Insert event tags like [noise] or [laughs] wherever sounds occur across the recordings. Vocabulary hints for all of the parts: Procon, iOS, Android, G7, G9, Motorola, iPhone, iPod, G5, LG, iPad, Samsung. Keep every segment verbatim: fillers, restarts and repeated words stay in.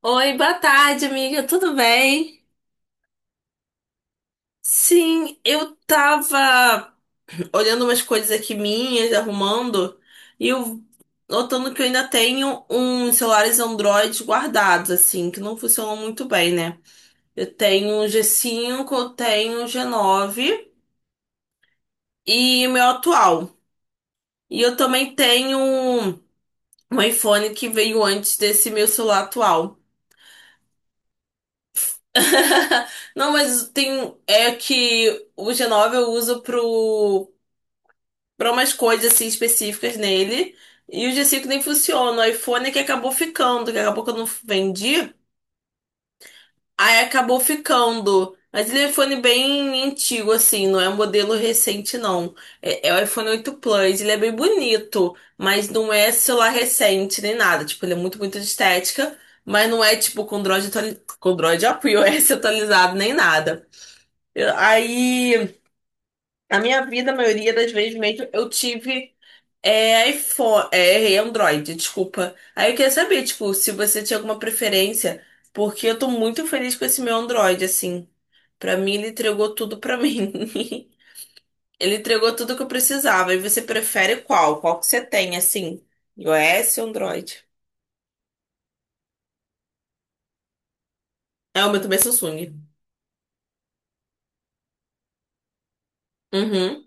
Oi, boa tarde, amiga. Tudo bem? Sim, eu tava olhando umas coisas aqui minhas, arrumando, e eu notando que eu ainda tenho uns celulares Android guardados, assim, que não funcionam muito bem, né? Eu tenho um G cinco, eu tenho um G nove e o meu atual. E eu também tenho um um iPhone que veio antes desse meu celular atual. [laughs] Não, mas tem. É que o G nove eu uso pro pra umas coisas assim específicas nele. E o G cinco nem funciona. O iPhone é que acabou ficando, que acabou que eu não vendi. Aí acabou ficando. Mas ele é um iPhone bem antigo, assim, não é um modelo recente, não. É, é o iPhone oito Plus, ele é bem bonito, mas não é celular recente nem nada. Tipo, ele é muito, muito de estética, mas não é, tipo, com Android, atuali- com Android, ó, [laughs] com iOS atualizado nem nada. Eu- Aí, a minha vida, a maioria das vezes mesmo, eu tive. É iPhone, é, errei, Android, desculpa. Aí eu queria saber, tipo, se você tinha alguma preferência, porque eu tô muito feliz com esse meu Android, assim. Pra mim, ele entregou tudo pra mim. [laughs] Ele entregou tudo que eu precisava. E você prefere qual? Qual que você tem, assim? iOS ou Android? É, o meu também é Samsung. Uhum,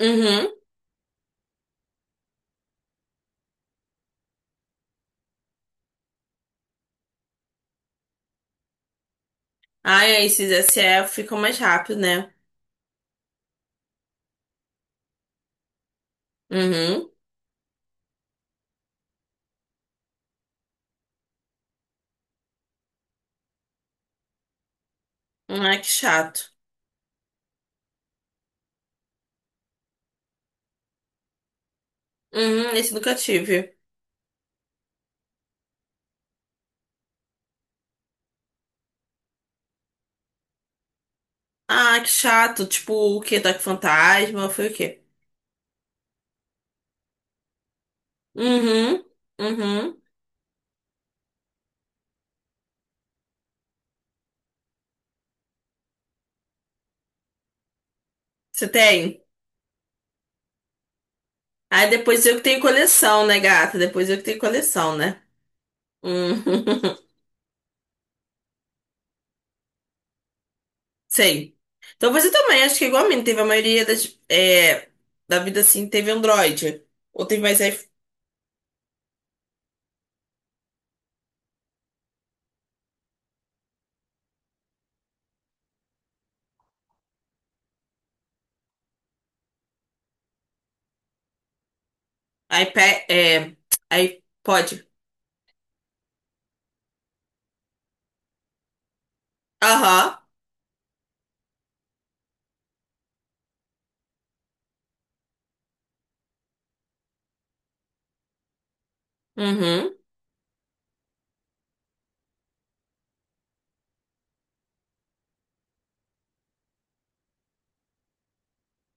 uhum. Ai, esses S SE ficam mais rápido, né? Uhum. Ai, que chato. Uhum, esse nunca tive. Ah, que chato. Tipo, o quê? Toque Fantasma? Foi o quê? Uhum, uhum. Você tem? Aí depois eu que tenho coleção, né, gata? Depois eu que tenho coleção, né? Hum. [laughs] Sei. Então você também, acho que igual a mim, teve a maioria das, é, da vida assim, teve Android. Ou teve mais iP- iPad, é, iPod. Aham. Uhum.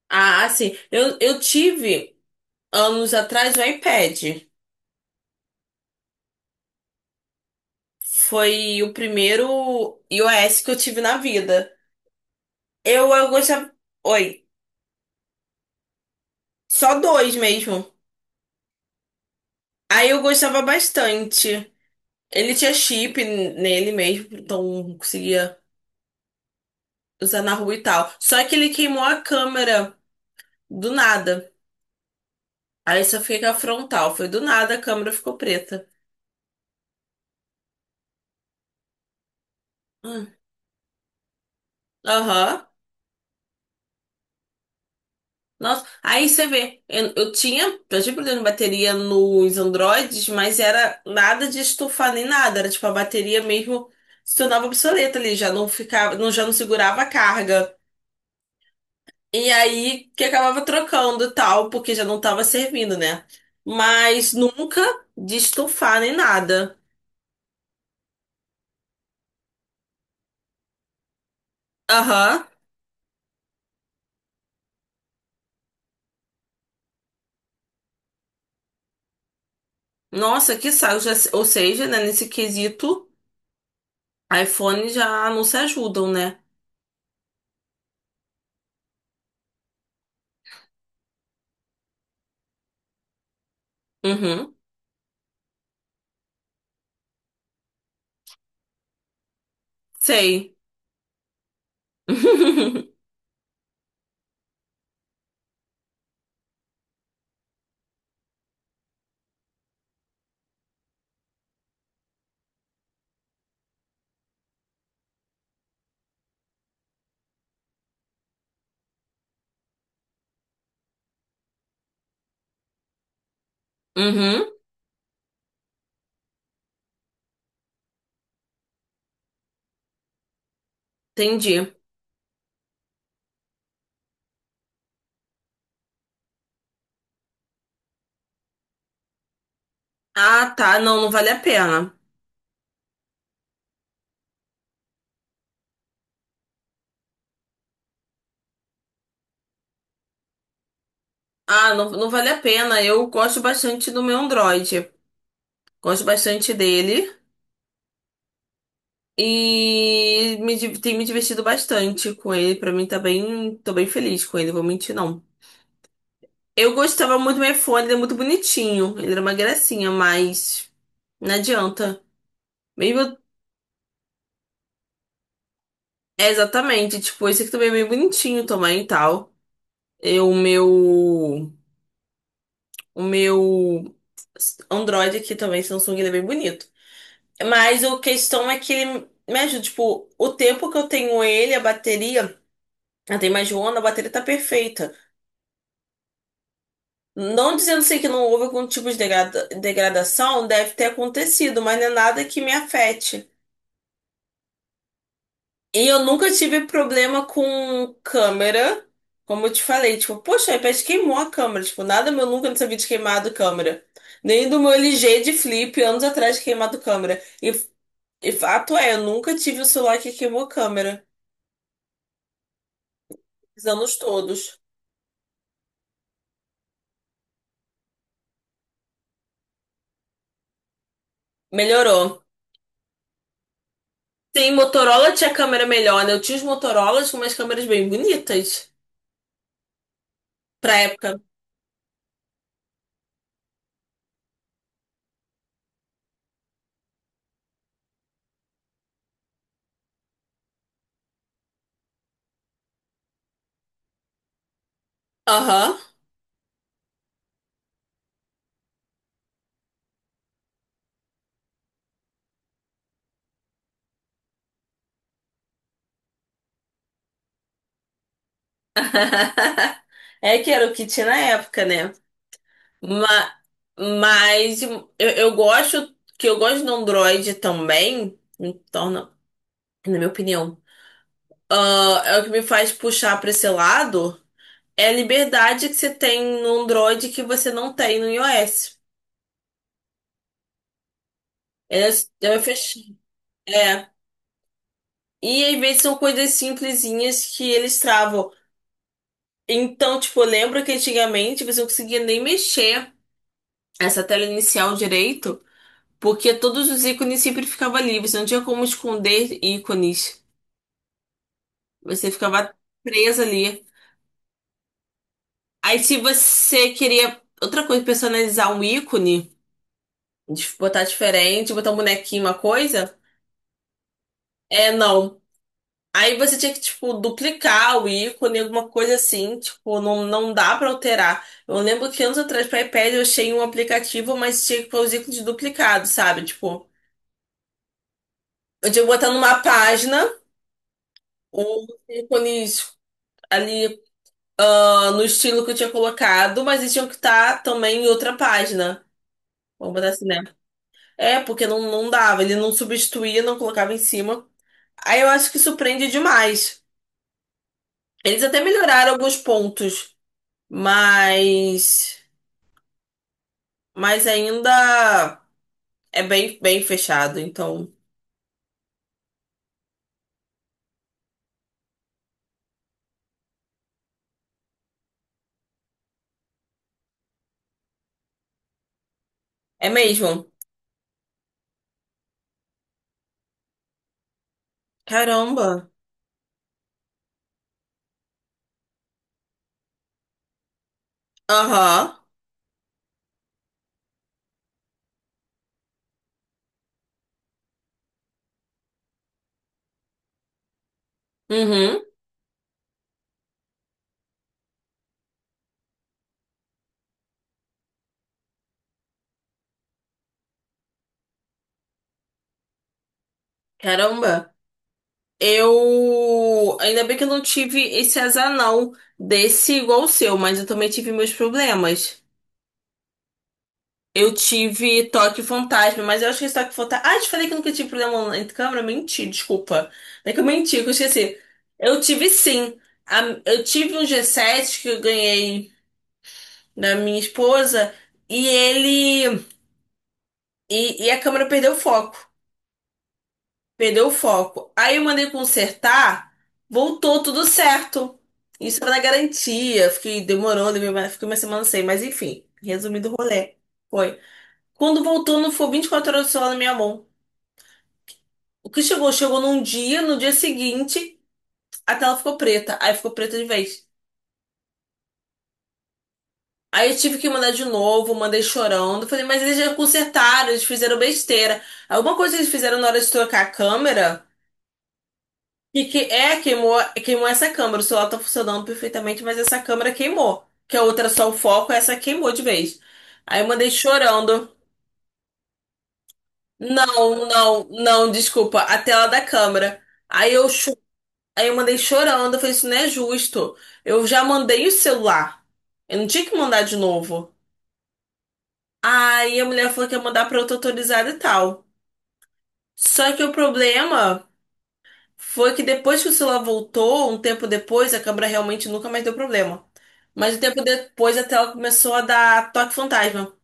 Ah, sim. Eu, eu tive anos atrás o iPad. Foi o primeiro iOS que eu tive na vida. Eu, eu gostava. Oi. Só dois mesmo. Aí eu gostava bastante. Ele tinha chip nele mesmo, então conseguia usar na rua e tal. Só que ele queimou a câmera do nada. Aí só fica a frontal. Foi do nada, a câmera ficou preta. Hum. Aham. Nossa. Aí você vê, eu, eu tinha, eu tinha problema de bateria nos Androids, mas era nada de estufar nem nada. Era tipo a bateria mesmo se tornava obsoleta ali, já não ficava, não, já não segurava a carga. E aí que acabava trocando e tal, porque já não tava servindo, né? Mas nunca de estufar nem nada. Aham. Nossa, que saco. Já, ou seja, né, nesse quesito, iPhone já não se ajudam, né? Uhum. Sei. [laughs] Uhum. Entendi. Ah, tá. Não, não vale a pena. Ah, não, não vale a pena. Eu gosto bastante do meu Android. Gosto bastante dele. E me, di- tem me divertido bastante com ele. Pra mim tá bem, tô bem feliz com ele, vou mentir não. Eu gostava muito do meu iPhone, ele é muito bonitinho. Ele era uma gracinha, mas não adianta. Mesmo, é, exatamente, tipo, esse aqui também é bem bonitinho também e tal. E o meu, o meu Android aqui também, Samsung, ele é bem bonito. Mas a questão é que ele me ajuda, tipo, o tempo que eu tenho ele, a bateria, eu tem mais de um ano, a bateria tá perfeita. Não dizendo assim que não houve algum tipo de degrada- degradação, deve ter acontecido, mas não é nada que me afete. E eu nunca tive problema com câmera, como eu te falei, tipo, poxa, o iPad queimou a câmera, tipo, nada meu nunca não sabia de queimado câmera. Nem do meu L G de flip, anos atrás, de queimado câmera. E, e fato é, eu nunca tive o celular que queimou câmera, os anos todos. Melhorou. Sim, Motorola tinha câmera melhor, né? Eu tinha os Motorolas com umas câmeras bem bonitas pra época. Aham. [laughs] É que era o que tinha na época, né? Ma- Mas, eu, eu gosto que eu gosto do Android também, me torna, na minha opinião, ah, é o que me faz puxar para esse lado é a liberdade que você tem no Android que você não tem no iOS. É, é, fech- é. E às vezes são coisas simplesinhas que eles travam. Então, tipo, eu lembro que antigamente você não conseguia nem mexer essa tela inicial direito. Porque todos os ícones sempre ficavam ali. Você não tinha como esconder ícones. Você ficava presa ali. Aí, se você queria outra coisa, personalizar um ícone, de- botar diferente, botar um bonequinho, uma coisa, é não. Aí você tinha que, tipo, duplicar o ícone, alguma coisa assim. Tipo, não, não dá pra alterar. Eu lembro que anos atrás, para iPad, eu achei um aplicativo, mas tinha que pôr os ícones duplicados, sabe? Tipo, eu tinha que botar numa página os ícones ali ah, no estilo que eu tinha colocado, mas eles tinham que estar também em outra página. Vamos botar assim, né? É, porque não, não dava, ele não substituía, não colocava em cima. Aí eu acho que surpreende demais. Eles até melhoraram alguns pontos, mas mas ainda é bem bem fechado, então é mesmo. Caramba. Aham. Uhum. Caramba. Eu ainda bem que eu não tive esse azar não desse igual o seu, mas eu também tive meus problemas. Eu tive toque fantasma, mas eu acho que esse toque fantasma. Ah, te falei que eu nunca tive problema entre câmera? Menti, desculpa. Não é que eu menti, que eu esqueci. Eu tive sim. A- Eu tive um G sete que eu ganhei da minha esposa e ele. E, e a câmera perdeu o foco. Perdeu o foco. Aí eu mandei consertar, voltou tudo certo. Isso era na garantia. Fiquei demorou, levei uma- fiquei uma semana sem, mas enfim, resumindo o rolê. Foi. Quando voltou, não foi vinte e quatro horas do celular na minha mão. O que chegou? Chegou num dia, no dia seguinte, a tela ficou preta. Aí ficou preta de vez. Aí eu tive que mandar de novo, mandei chorando. Falei, mas eles já consertaram, eles fizeram besteira. Alguma coisa que eles fizeram na hora de trocar a câmera, que, que é, queimou, queimou essa câmera. O celular tá funcionando perfeitamente, mas essa câmera queimou. Que a outra era só o foco, essa queimou de vez. Aí eu mandei chorando. Não, não, não, desculpa, a tela da câmera. Aí eu cho- Aí eu mandei chorando, eu falei, isso não é justo. Eu já mandei o celular. Eu não tinha que mandar de novo. Aí a mulher falou que ia mandar pra outra autorizada e tal. Só que o problema foi que depois que o celular voltou, um tempo depois, a câmera realmente nunca mais deu problema. Mas um tempo depois a tela começou a dar toque fantasma.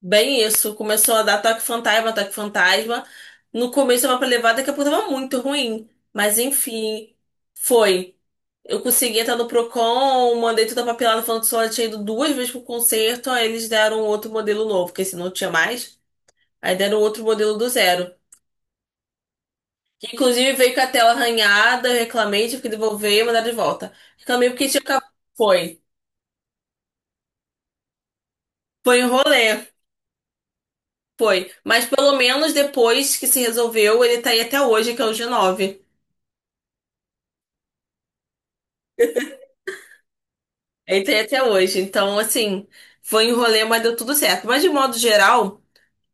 Bem isso, começou a dar toque fantasma, toque fantasma. No começo eu tava pra levar, daqui a pouco tava muito ruim. Mas enfim, foi. Eu consegui entrar no Procon, mandei toda a papelada falando que só tinha ido duas vezes pro concerto, aí eles deram outro modelo novo, porque esse não tinha mais. Aí deram outro modelo do zero. Que inclusive veio com a tela arranhada, eu reclamei, tive que devolver e mandar de volta. Reclamei porque tinha acabado. Foi. Foi um rolê. Foi. Mas pelo menos depois que se resolveu, ele tá aí até hoje, que é o G nove. Ele tá aí até hoje. Então, assim, foi um rolê, mas deu tudo certo. Mas de modo geral.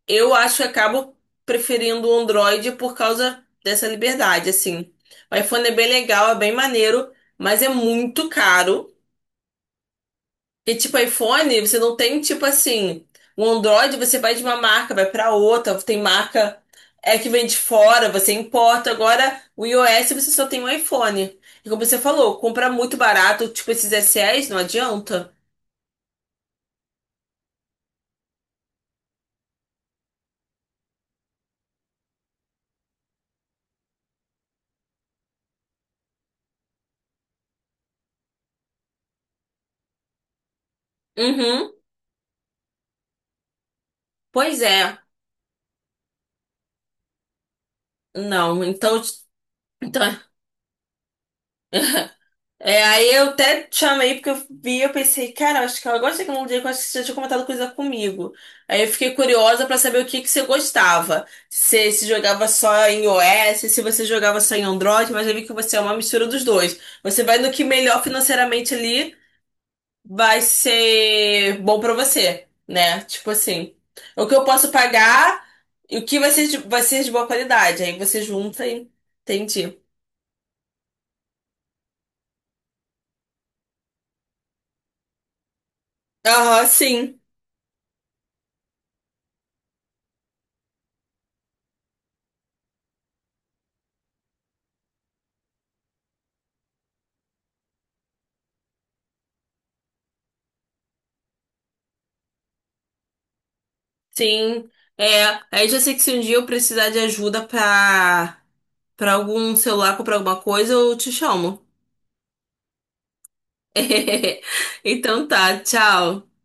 Eu acho que acabo preferindo o Android por causa dessa liberdade, assim. O iPhone é bem legal, é bem maneiro, mas é muito caro. E tipo, iPhone, você não tem tipo assim, o Android você vai de uma marca, vai pra outra, tem marca é que vem de fora, você importa. Agora, o iOS você só tem um iPhone. E como você falou, comprar muito barato, tipo esses S Es, não adianta. Uhum. Pois é. Não, então, então É, aí eu até te chamei porque eu vi, eu pensei, cara, acho que ela gosta de tecnologia, que eu acho que você já tinha comentado coisa comigo. Aí eu fiquei curiosa pra saber o que que você gostava. Se, se jogava só em iOS, se você jogava só em Android, mas eu vi que você é uma mistura dos dois. Você vai no que melhor financeiramente ali vai ser bom pra você, né? Tipo assim, o que eu posso pagar e o que vai ser de, vai ser de, boa qualidade. Aí você junta e entendi. Aham, sim. Sim, é. Aí já sei que se um dia eu precisar de ajuda pra, pra, algum celular, comprar alguma coisa, eu te chamo. [laughs] Então tá, tchau.